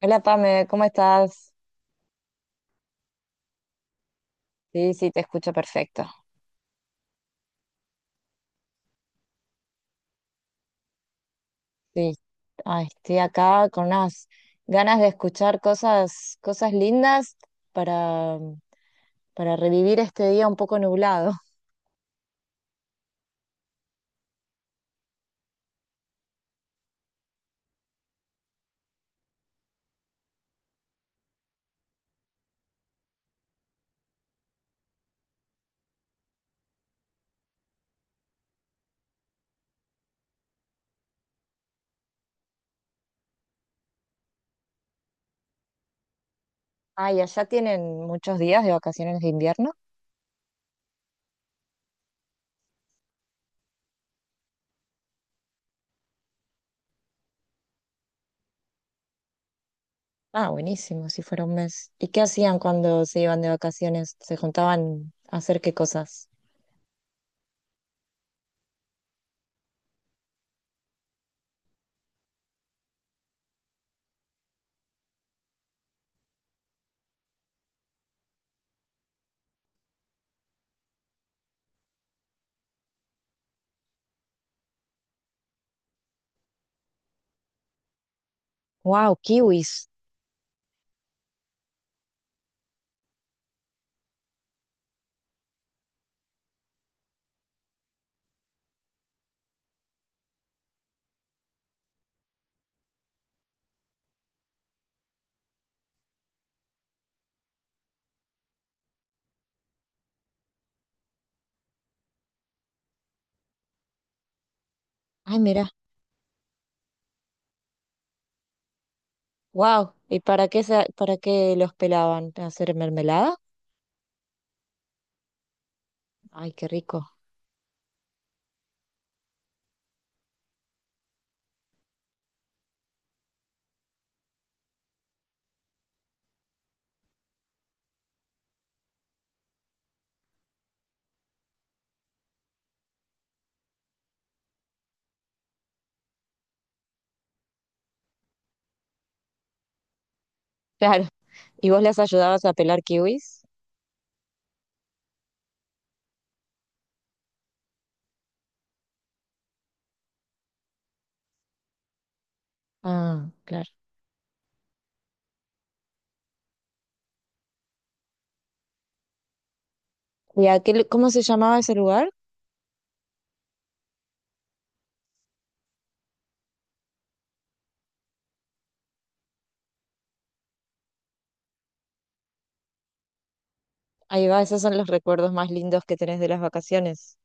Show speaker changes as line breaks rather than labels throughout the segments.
Hola Pame, ¿cómo estás? Sí, sí, te escucho perfecto. Sí, ay, estoy acá con unas ganas de escuchar cosas, cosas lindas para, para revivir este día un poco nublado. Ay, allá tienen muchos días de vacaciones de invierno. Ah, buenísimo, si fuera un mes. ¿Y qué hacían cuando se iban de vacaciones? ¿Se juntaban a hacer qué cosas? Wow, kiwis. Ay, mira. Wow. ¿Para qué los pelaban? ¿A hacer mermelada? Ay, qué rico. ¿Y vos las ayudabas a pelar kiwis? Ah, claro. ¿Cómo se llamaba ese lugar? Ahí va, esos son los recuerdos más lindos que tenés de las vacaciones.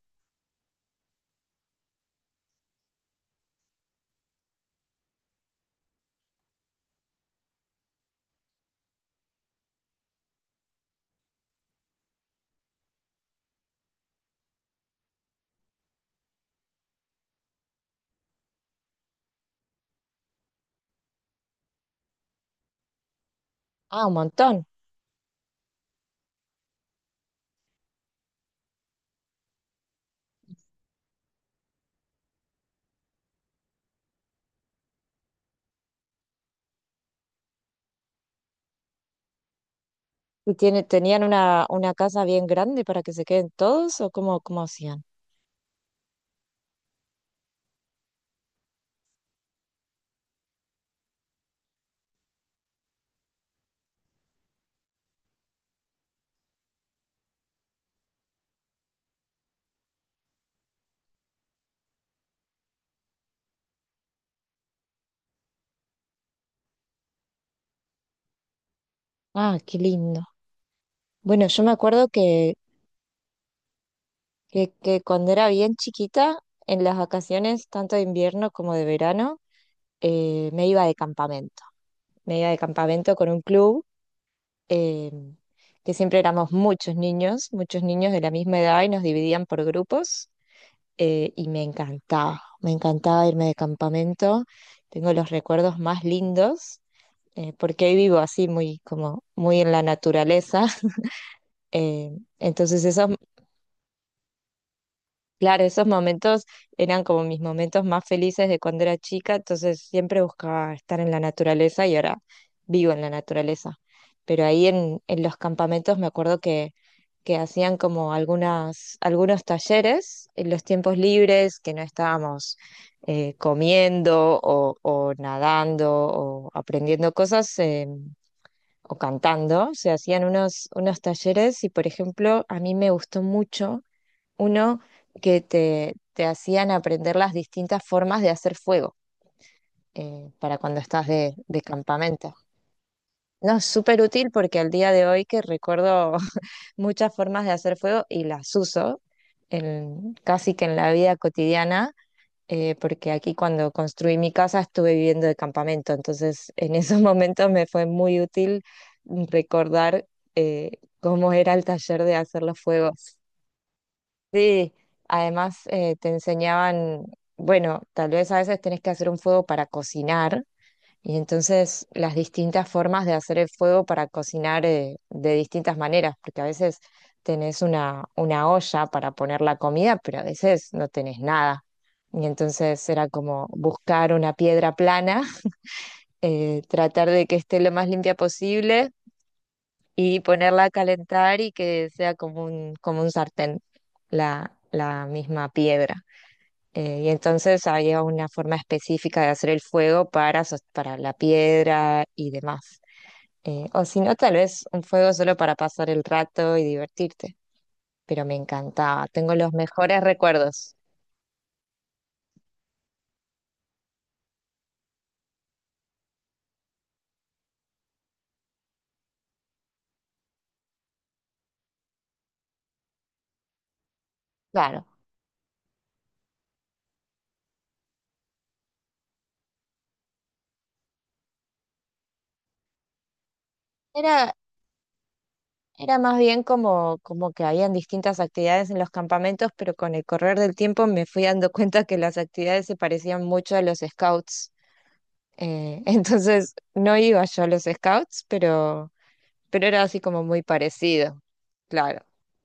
Ah, un montón. ¿Tenían una casa bien grande para que se queden todos o cómo hacían? Ah, qué lindo. Bueno, yo me acuerdo que cuando era bien chiquita, en las vacaciones, tanto de invierno como de verano, me iba de campamento. Me iba de campamento con un club, em, que siempre éramos muchos niños de la misma edad y nos dividían por grupos, y me encantaba irme de campamento, tengo los recuerdos más lindos. Porque hoy vivo así muy como muy en la naturaleza. eh, entonces esos claro, esos momentos eran como mis momentos más felices de cuando era chica, entonces siempre buscaba estar en la naturaleza y ahora vivo en la naturaleza. Pero ahí en los campamentos me acuerdo que hacían como algunos talleres en los tiempos libres que no estábamos comiendo o nadando o aprendiendo cosas, o cantando. Se hacían unos, unos talleres y, por ejemplo, a mí me gustó mucho uno te hacían aprender las distintas formas de hacer fuego, para cuando estás de campamento. No, es súper útil porque al día de hoy que recuerdo muchas formas de hacer fuego y las uso casi que en la vida cotidiana, porque aquí cuando construí mi casa estuve viviendo de campamento, entonces en esos momentos me fue muy útil recordar eh, cómo era el taller de hacer los fuegos. Sí, además te enseñaban, bueno, tal vez a veces tenés que hacer un fuego para cocinar y entonces las distintas formas de hacer el fuego para cocinar, de distintas maneras, porque a veces tenés una olla para poner la comida, pero a veces no tenés nada. Y entonces era como buscar una piedra plana, tratar de que esté lo más limpia posible y ponerla a calentar y que sea como como un sartén la misma piedra. Y entonces había una forma específica de hacer el fuego para la piedra y demás. O si no, tal vez un fuego solo para pasar el rato y divertirte. Pero me encantaba, tengo los mejores recuerdos. Claro, era, era más bien como, como que habían distintas actividades en los campamentos, pero con el correr del tiempo me fui dando cuenta que las actividades se parecían mucho a los scouts. Entonces no iba yo a los scouts, pero era así como muy parecido, claro,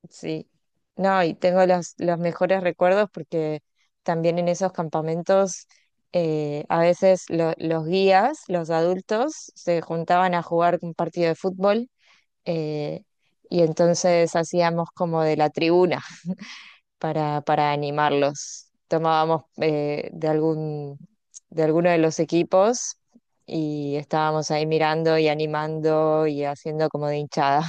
sí. No, y tengo los mejores recuerdos porque también en esos campamentos, a veces los guías, los adultos, se juntaban a jugar un partido de fútbol, eh, y entonces hacíamos como de la tribuna para animarlos. Tomábamos de alguno de los equipos y estábamos ahí mirando y animando y haciendo como de hinchada.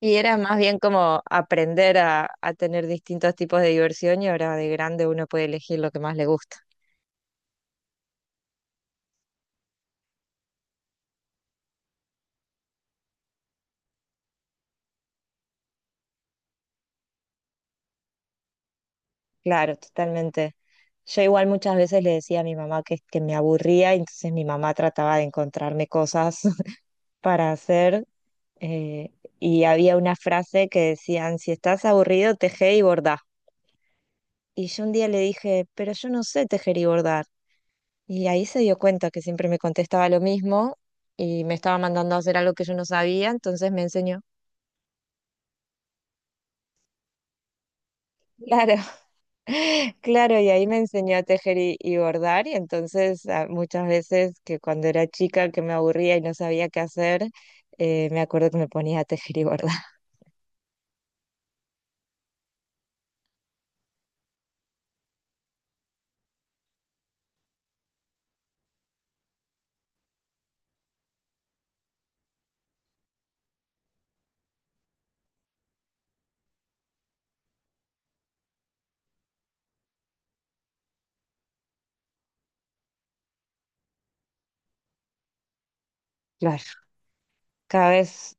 Y era más bien como aprender a tener distintos tipos de diversión y ahora de grande uno puede elegir lo que más le gusta. Claro, totalmente. Yo igual muchas veces le decía a mi mamá que me aburría, y entonces mi mamá trataba de encontrarme cosas para hacer. eh, y había una frase que decían, si estás aburrido, teje y bordá. Y yo un día le dije, pero yo no sé tejer y bordar. Y ahí se dio cuenta que siempre me contestaba lo mismo y me estaba mandando a hacer algo que yo no sabía, entonces me enseñó. Claro, claro, y ahí me enseñó a tejer y bordar, y entonces muchas veces que cuando era chica que me aburría y no sabía qué hacer, me acuerdo que me ponía a tejer y bordar. Claro, cada vez,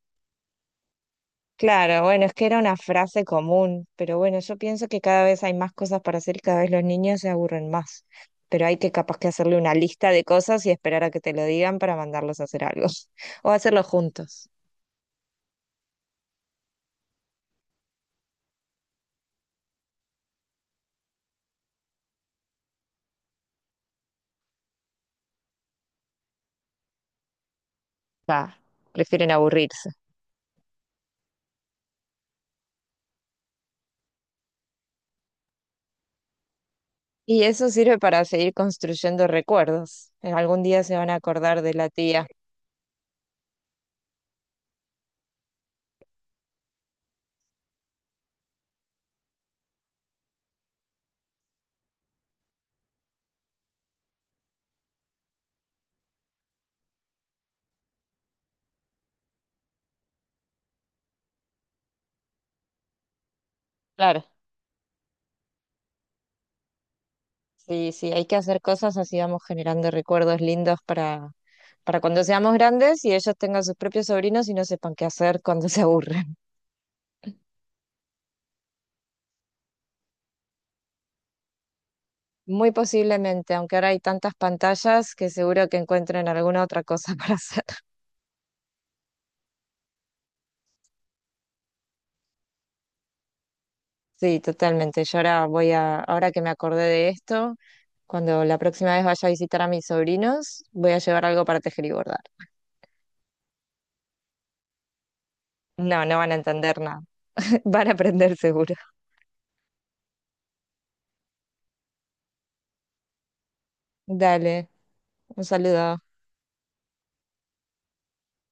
claro, bueno, es que era una frase común, pero bueno, yo pienso que cada vez hay más cosas para hacer y cada vez los niños se aburren más, pero hay que capaz que hacerle una lista de cosas y esperar a que te lo digan para mandarlos a hacer algo, o hacerlo juntos. Ah, prefieren aburrirse. Y eso sirve para seguir construyendo recuerdos. En algún día se van a acordar de la tía. Claro, sí, sí, hay que hacer cosas así vamos generando recuerdos lindos para cuando seamos grandes y ellos tengan sus propios sobrinos y no sepan qué hacer cuando se aburren. Muy posiblemente, aunque ahora hay tantas pantallas que seguro que encuentren alguna otra cosa para hacer. Sí, totalmente. Yo ahora voy a, ahora que me acordé de esto, cuando la próxima vez vaya a visitar a mis sobrinos, voy a llevar algo para tejer y bordar. No, no van a entender nada. Van a aprender seguro. Dale, un saludo.